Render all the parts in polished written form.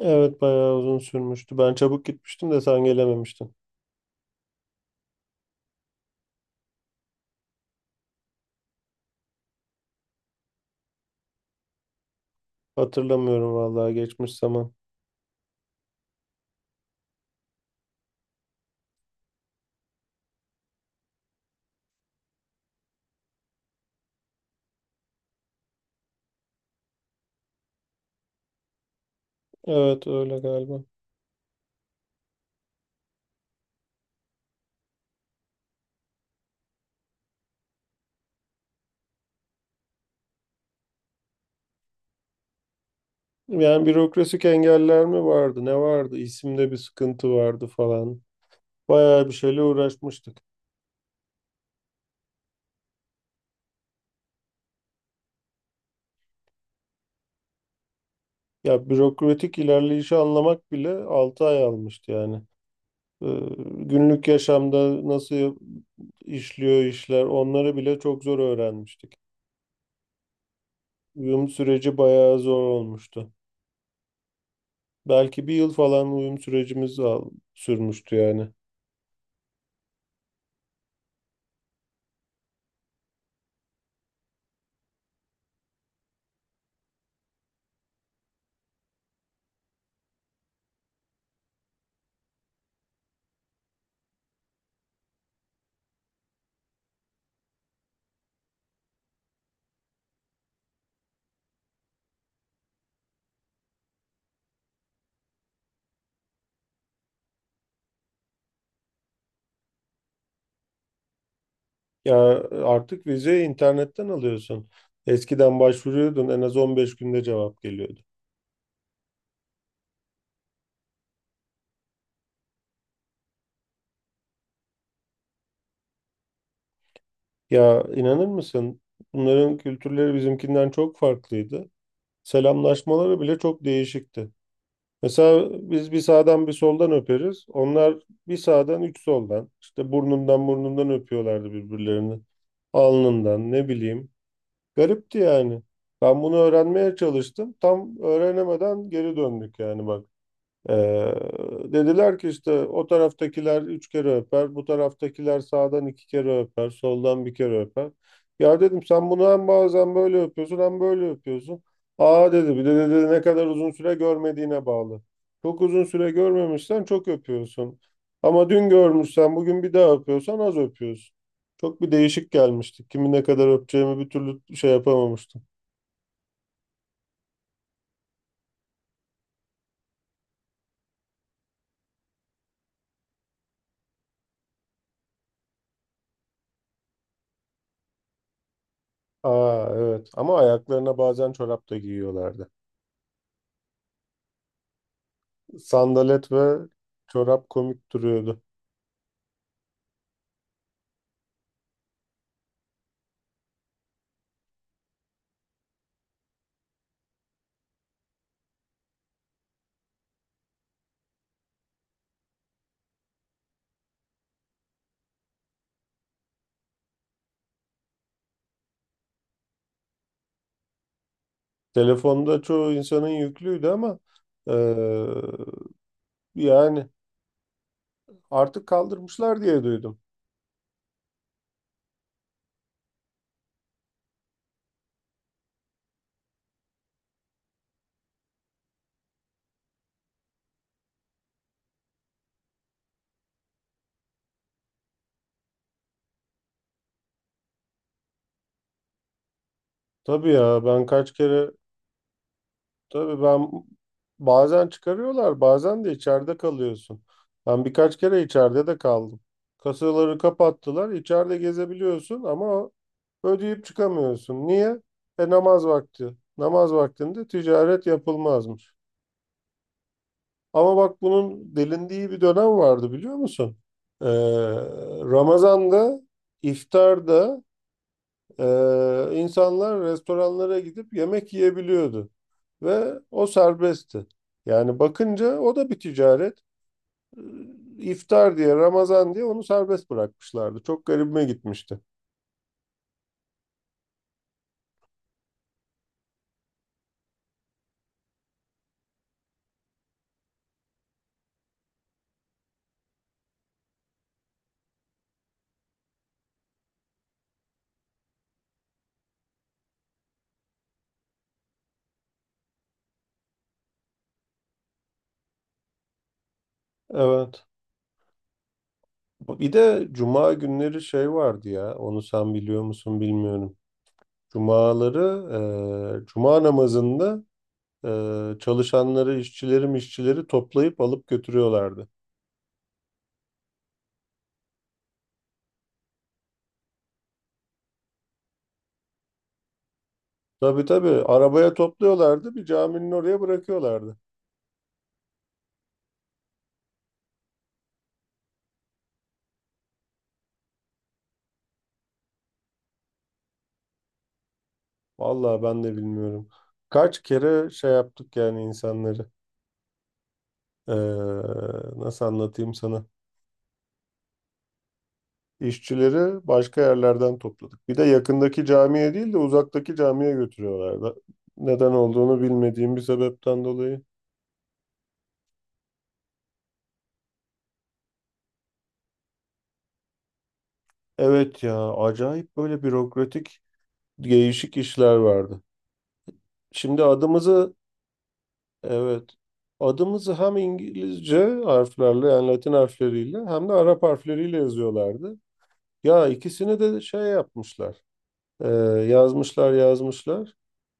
Evet bayağı uzun sürmüştü. Ben çabuk gitmiştim de sen gelememiştin. Hatırlamıyorum vallahi geçmiş zaman. Evet öyle galiba. Yani bürokrasik engeller mi vardı? Ne vardı? İsimde bir sıkıntı vardı falan. Bayağı bir şeyle uğraşmıştık. Ya bürokratik ilerleyişi anlamak bile 6 ay almıştı yani. Ee, Günlük yaşamda nasıl işliyor işler onları bile çok zor öğrenmiştik. Uyum süreci bayağı zor olmuştu. Belki bir yıl falan uyum sürecimiz sürmüştü yani. Ya artık vizeyi internetten alıyorsun. Eskiden başvuruyordun en az 15 günde cevap geliyordu. Ya inanır mısın? Bunların kültürleri bizimkinden çok farklıydı. Selamlaşmaları bile çok değişikti. Mesela biz bir sağdan bir soldan öperiz. Onlar bir sağdan üç soldan. İşte burnundan burnundan öpüyorlardı birbirlerini. Alnından ne bileyim. Garipti yani. Ben bunu öğrenmeye çalıştım. Tam öğrenemeden geri döndük yani bak. Ee, Dediler ki işte o taraftakiler üç kere öper, bu taraftakiler sağdan iki kere öper, soldan bir kere öper. Ya dedim sen bunu hem bazen böyle öpüyorsun hem böyle öpüyorsun. Aa dedi bir de dedi ne kadar uzun süre görmediğine bağlı. Çok uzun süre görmemişsen çok öpüyorsun. Ama dün görmüşsen bugün bir daha öpüyorsan az öpüyorsun. Çok bir değişik gelmişti. Kimi ne kadar öpeceğimi bir türlü şey yapamamıştım. Aa evet, ama ayaklarına bazen çorap da giyiyorlardı. Sandalet ve çorap komik duruyordu. Telefonda çoğu insanın yüklüydü ama eee, yani artık kaldırmışlar diye duydum. Tabii ya ben kaç kere tabii, ben bazen çıkarıyorlar bazen de içeride kalıyorsun. Ben birkaç kere içeride de kaldım. Kasaları kapattılar içeride gezebiliyorsun ama ödeyip çıkamıyorsun. Niye? E namaz vakti. Namaz vaktinde ticaret yapılmazmış. Ama bak bunun delindiği bir dönem vardı biliyor musun? Ee, Ramazan'da, iftarda e, insanlar restoranlara gidip yemek yiyebiliyordu. Ve o serbestti. Yani bakınca o da bir ticaret. Ee, İftar diye, Ramazan diye onu serbest bırakmışlardı. Çok garibime gitmişti. Evet. Bir de cuma günleri şey vardı ya, onu sen biliyor musun bilmiyorum. Cumaları, e, cuma namazında çalışanları, işçileri toplayıp alıp götürüyorlardı. Tabii tabii arabaya topluyorlardı, bir caminin oraya bırakıyorlardı. Vallahi ben de bilmiyorum. Kaç kere şey yaptık yani insanları. Ee, Nasıl anlatayım sana? İşçileri başka yerlerden topladık. Bir de yakındaki camiye değil de uzaktaki camiye götürüyorlardı. Neden olduğunu bilmediğim bir sebepten dolayı. Evet ya, acayip böyle bürokratik, değişik işler vardı. Şimdi adımızı evet. Adımızı hem İngilizce harflerle yani Latin harfleriyle hem de Arap harfleriyle yazıyorlardı. Ya ikisini de şey yapmışlar. e, Yazmışlar yazmışlar.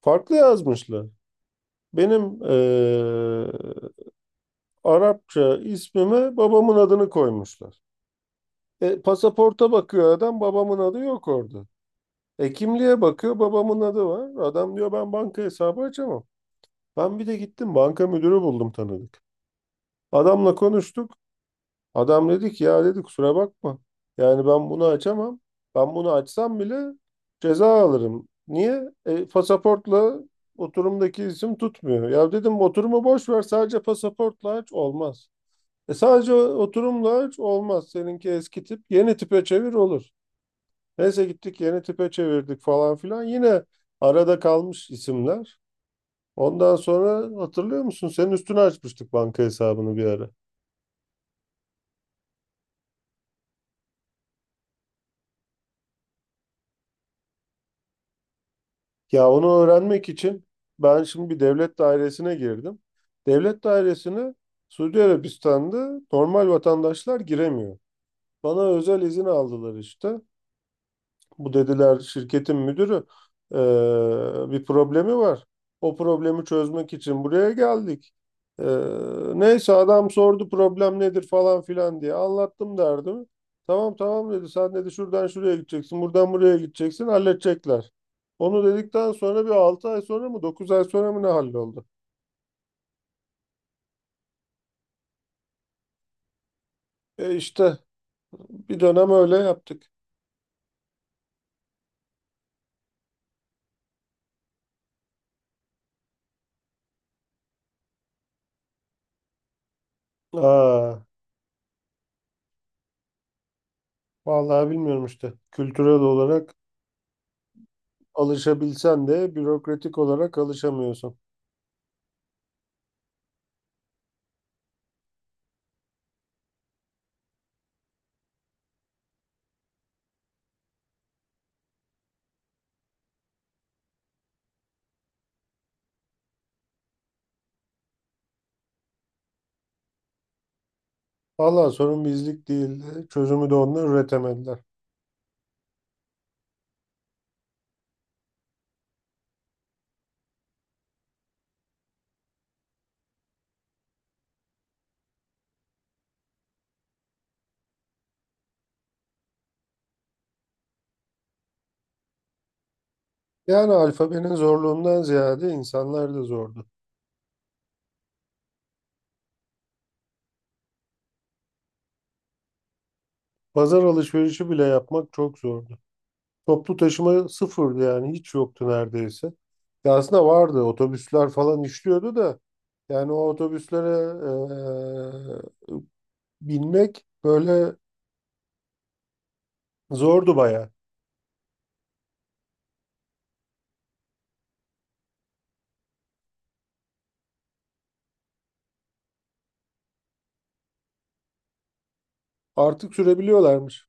Farklı yazmışlar. Benim e, Arapça ismime babamın adını koymuşlar. E, pasaporta bakıyor adam babamın adı yok orada. E kimliğe bakıyor babamın adı var. Adam diyor ben banka hesabı açamam. Ben bir de gittim banka müdürü buldum tanıdık. Adamla konuştuk. Adam dedi ki ya dedi kusura bakma. Yani ben bunu açamam. Ben bunu açsam bile ceza alırım. Niye? E, pasaportla oturumdaki isim tutmuyor. Ya dedim oturumu boş ver sadece pasaportla aç olmaz. E, sadece oturumla aç olmaz. Seninki eski tip yeni tipe çevir olur. Neyse gittik yeni tipe çevirdik falan filan. Yine arada kalmış isimler. Ondan sonra hatırlıyor musun? Senin üstüne açmıştık banka hesabını bir ara. Ya onu öğrenmek için ben şimdi bir devlet dairesine girdim. Devlet dairesine Suudi Arabistan'da normal vatandaşlar giremiyor. Bana özel izin aldılar işte. Bu dediler şirketin müdürü eee, bir problemi var. O problemi çözmek için buraya geldik. Eee, Neyse adam sordu problem nedir falan filan diye anlattım derdimi. Tamam tamam dedi sen dedi şuradan şuraya gideceksin buradan buraya gideceksin halledecekler. Onu dedikten sonra bir 6 ay sonra mı 9 ay sonra mı ne halloldu? E işte bir dönem öyle yaptık. Aa, vallahi bilmiyorum işte kültürel olarak alışabilsen de bürokratik olarak alışamıyorsun. Valla sorun bizlik değildi. Çözümü de onlar üretemediler. Yani alfabenin zorluğundan ziyade insanlar da zordu. Pazar alışverişi bile yapmak çok zordu. Toplu taşıma sıfırdı yani hiç yoktu neredeyse. Ya aslında vardı otobüsler falan işliyordu da yani o otobüslere eee, binmek böyle zordu baya. Artık sürebiliyorlarmış.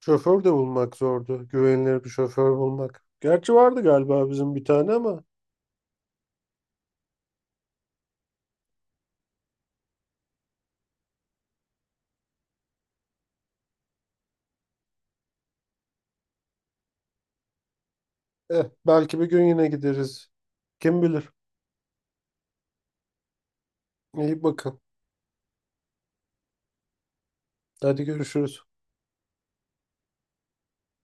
Şoför de bulmak zordu. Güvenilir bir şoför bulmak. Gerçi vardı galiba bizim bir tane ama eh, belki bir gün yine gideriz. Kim bilir. İyi bakın. Hadi görüşürüz.